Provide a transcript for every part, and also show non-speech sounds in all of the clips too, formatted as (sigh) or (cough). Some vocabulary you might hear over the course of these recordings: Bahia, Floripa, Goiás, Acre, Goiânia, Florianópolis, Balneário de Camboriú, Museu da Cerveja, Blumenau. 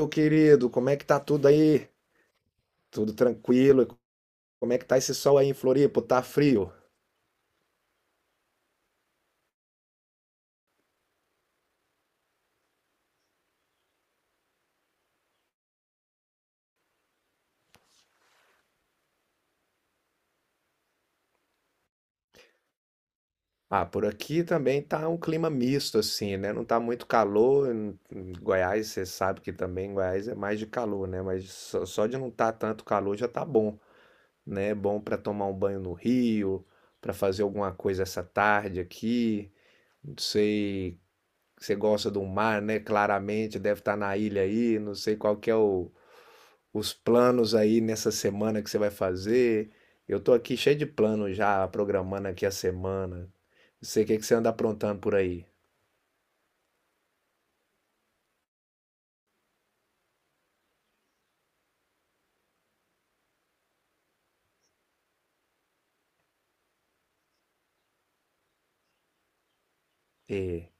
Meu querido? Como é que tá tudo aí? Tudo tranquilo? E como é que tá esse sol aí em Floripa? Tá frio? Ah, por aqui também tá um clima misto, assim, né? Não tá muito calor. Em Goiás, você sabe que também em Goiás é mais de calor, né? Mas só de não tá tanto calor já tá bom, né? É. Bom pra tomar um banho no rio, pra fazer alguma coisa essa tarde aqui. Não sei, você gosta do mar, né? Claramente, deve estar na ilha aí. Não sei qual que é o os planos aí nessa semana que você vai fazer. Eu tô aqui cheio de planos já, programando aqui a semana. Não sei o que que você anda aprontando por aí. E,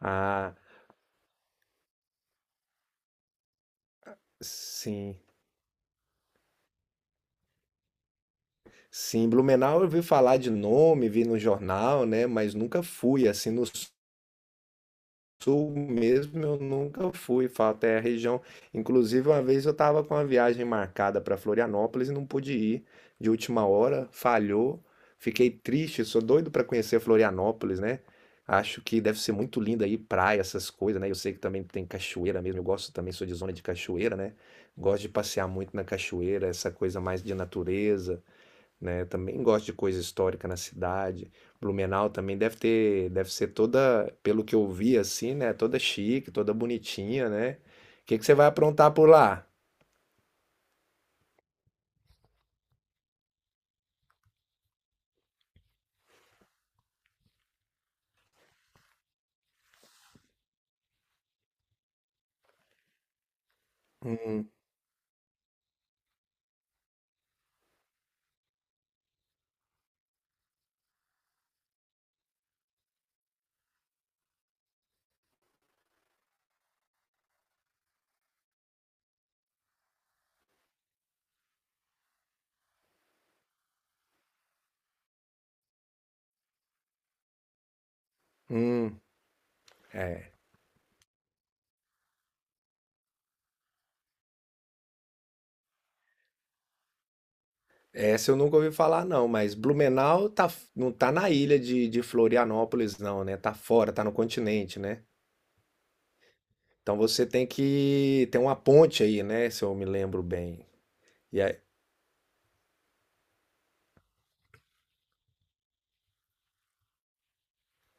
ah, sim. Sim, Blumenau eu vi falar de nome, vi no jornal, né? Mas nunca fui assim nos Sul mesmo eu nunca fui, falo, até a região. Inclusive, uma vez eu estava com uma viagem marcada para Florianópolis e não pude ir de última hora, falhou. Fiquei triste, sou doido para conhecer Florianópolis, né? Acho que deve ser muito lindo aí, praia, essas coisas, né? Eu sei que também tem cachoeira mesmo, eu gosto também, sou de zona de cachoeira, né? Gosto de passear muito na cachoeira, essa coisa mais de natureza, né? Eu também gosto de coisa histórica na cidade. Blumenau também deve ter, deve ser toda, pelo que eu vi assim, né? Toda chique, toda bonitinha, né? O que que você vai aprontar por lá? Hum, hum, é. Essa eu nunca ouvi falar não, mas Blumenau tá, não tá na ilha de Florianópolis não, né? Tá fora, tá no continente, né? Então você tem que tem uma ponte aí, né? Se eu me lembro bem. E aí,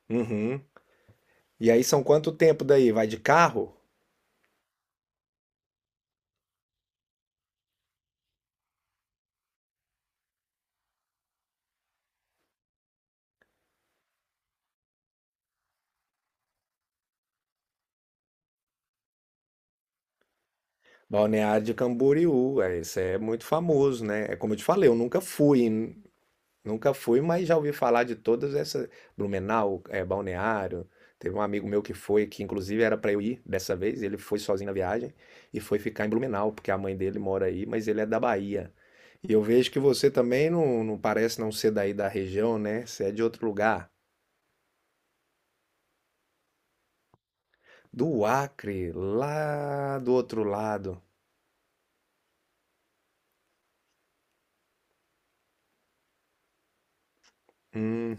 uhum. E aí são quanto tempo daí? Vai de carro? Balneário de Camboriú, é, isso é muito famoso, né? É como eu te falei, eu nunca fui, nunca fui, mas já ouvi falar de todas essas, Blumenau, é, Balneário. Teve um amigo meu que foi, que inclusive era para eu ir dessa vez, ele foi sozinho na viagem e foi ficar em Blumenau, porque a mãe dele mora aí, mas ele é da Bahia. E eu vejo que você também não, não parece não ser daí da região, né? Você é de outro lugar. Do Acre, lá do outro lado. Hum,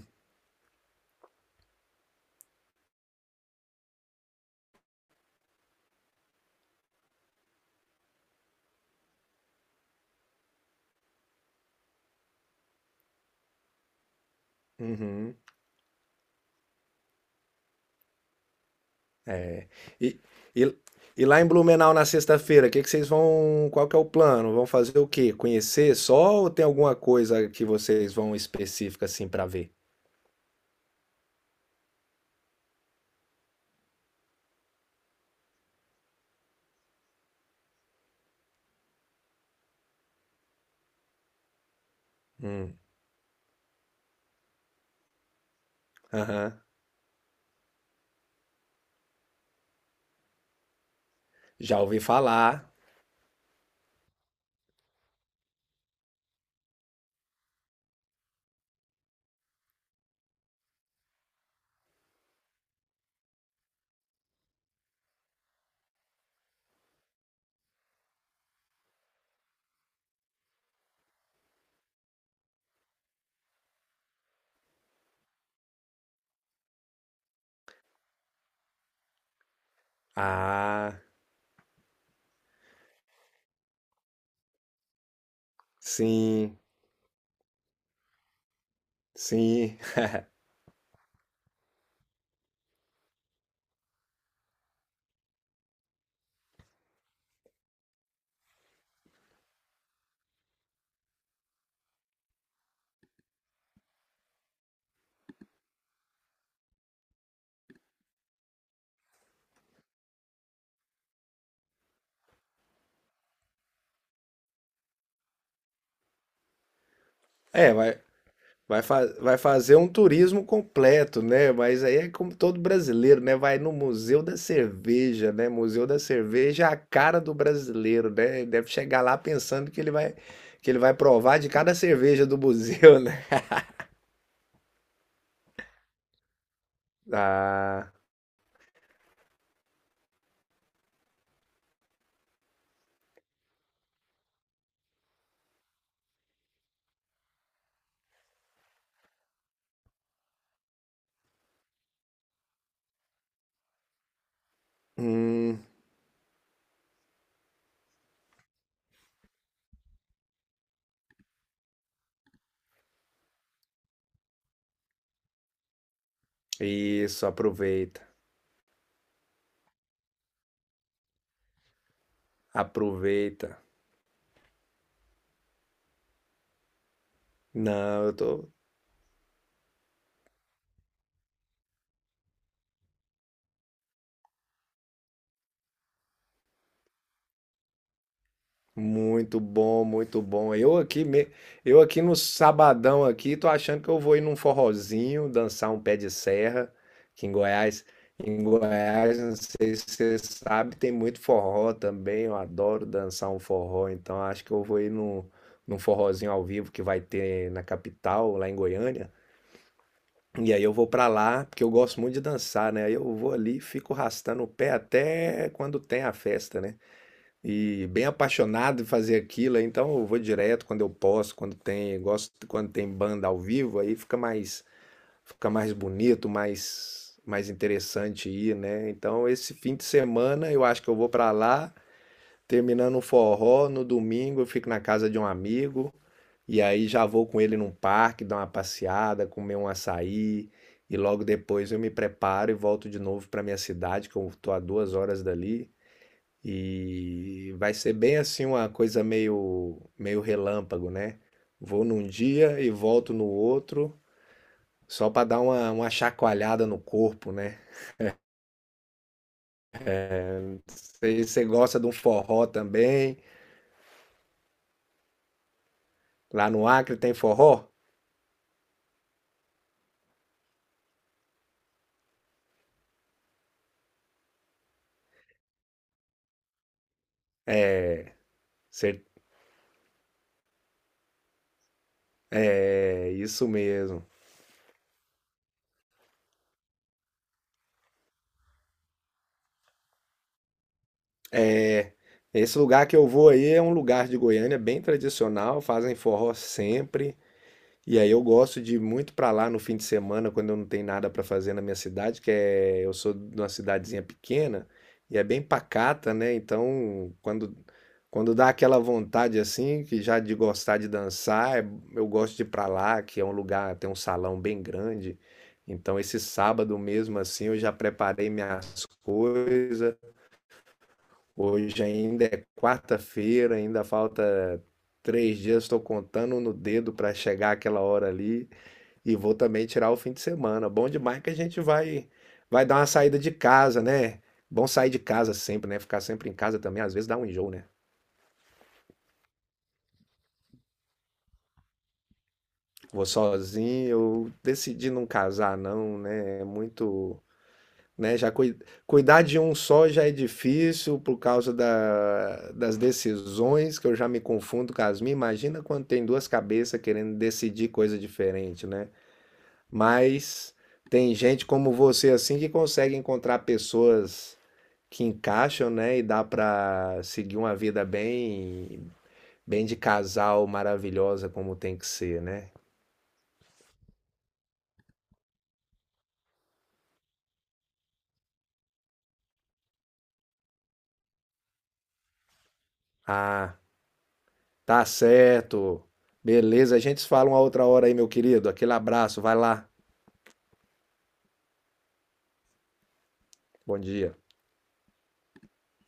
uhum. É. E, e, e lá em Blumenau na sexta-feira, que vocês vão, qual que é o plano? Vão fazer o quê? Conhecer só ou tem alguma coisa que vocês vão específica assim pra ver? Hum. Aham. Já ouvi falar. Ah, sim. Sim. (laughs) É, vai, vai, vai fazer um turismo completo, né? Mas aí é como todo brasileiro, né? Vai no Museu da Cerveja, né? Museu da Cerveja é a cara do brasileiro, né? Ele deve chegar lá pensando que ele vai provar de cada cerveja do museu, né? (laughs) Ah, hum, isso, aproveita, aproveita. Não, eu tô, muito bom, muito bom. Eu aqui, eu aqui no sabadão aqui, tô achando que eu vou ir num forrozinho, dançar um pé de serra, que em Goiás, não sei se você sabe, tem muito forró também. Eu adoro dançar um forró, então acho que eu vou ir num, num forrozinho ao vivo que vai ter na capital, lá em Goiânia. E aí eu vou pra lá, porque eu gosto muito de dançar, né? Aí eu vou ali, e fico arrastando o pé até quando tem a festa, né? E bem apaixonado em fazer aquilo, aí então eu vou direto quando eu posso, quando tem, gosto quando tem banda ao vivo, aí fica mais bonito, mais interessante ir, né? Então esse fim de semana eu acho que eu vou pra lá, terminando o forró, no domingo eu fico na casa de um amigo e aí já vou com ele num parque, dar uma passeada, comer um açaí e logo depois eu me preparo e volto de novo pra minha cidade, que eu tô a 2 horas dali. E vai ser bem assim uma coisa meio relâmpago, né? Vou num dia e volto no outro, só para dar uma chacoalhada no corpo, né? Você gosta de um forró também? Lá no Acre tem forró? É, cer- é isso mesmo. Esse lugar que eu vou aí é um lugar de Goiânia bem tradicional, fazem forró sempre. E aí eu gosto de ir muito pra lá no fim de semana, quando eu não tenho nada pra fazer na minha cidade, que é, eu sou de uma cidadezinha pequena e é bem pacata, né? Então, quando dá aquela vontade assim, que já de gostar de dançar, eu gosto de ir pra lá, que é um lugar, tem um salão bem grande. Então, esse sábado mesmo assim, eu já preparei minhas coisas. Hoje ainda é quarta-feira, ainda falta 3 dias, estou contando no dedo pra chegar aquela hora ali. E vou também tirar o fim de semana. Bom demais que a gente vai dar uma saída de casa, né? Bom sair de casa sempre, né? Ficar sempre em casa também, às vezes dá um enjoo, né? Vou sozinho, eu decidi não casar, não, né? É muito, né? Já cuidar de um só já é difícil por causa das decisões, que eu já me confundo com as minhas. Imagina quando tem duas cabeças querendo decidir coisa diferente, né? Mas tem gente como você assim que consegue encontrar pessoas que encaixam, né? E dá pra seguir uma vida bem, bem de casal maravilhosa como tem que ser, né? Ah, tá certo. Beleza, a gente se fala uma outra hora aí, meu querido. Aquele abraço, vai lá. Bom dia.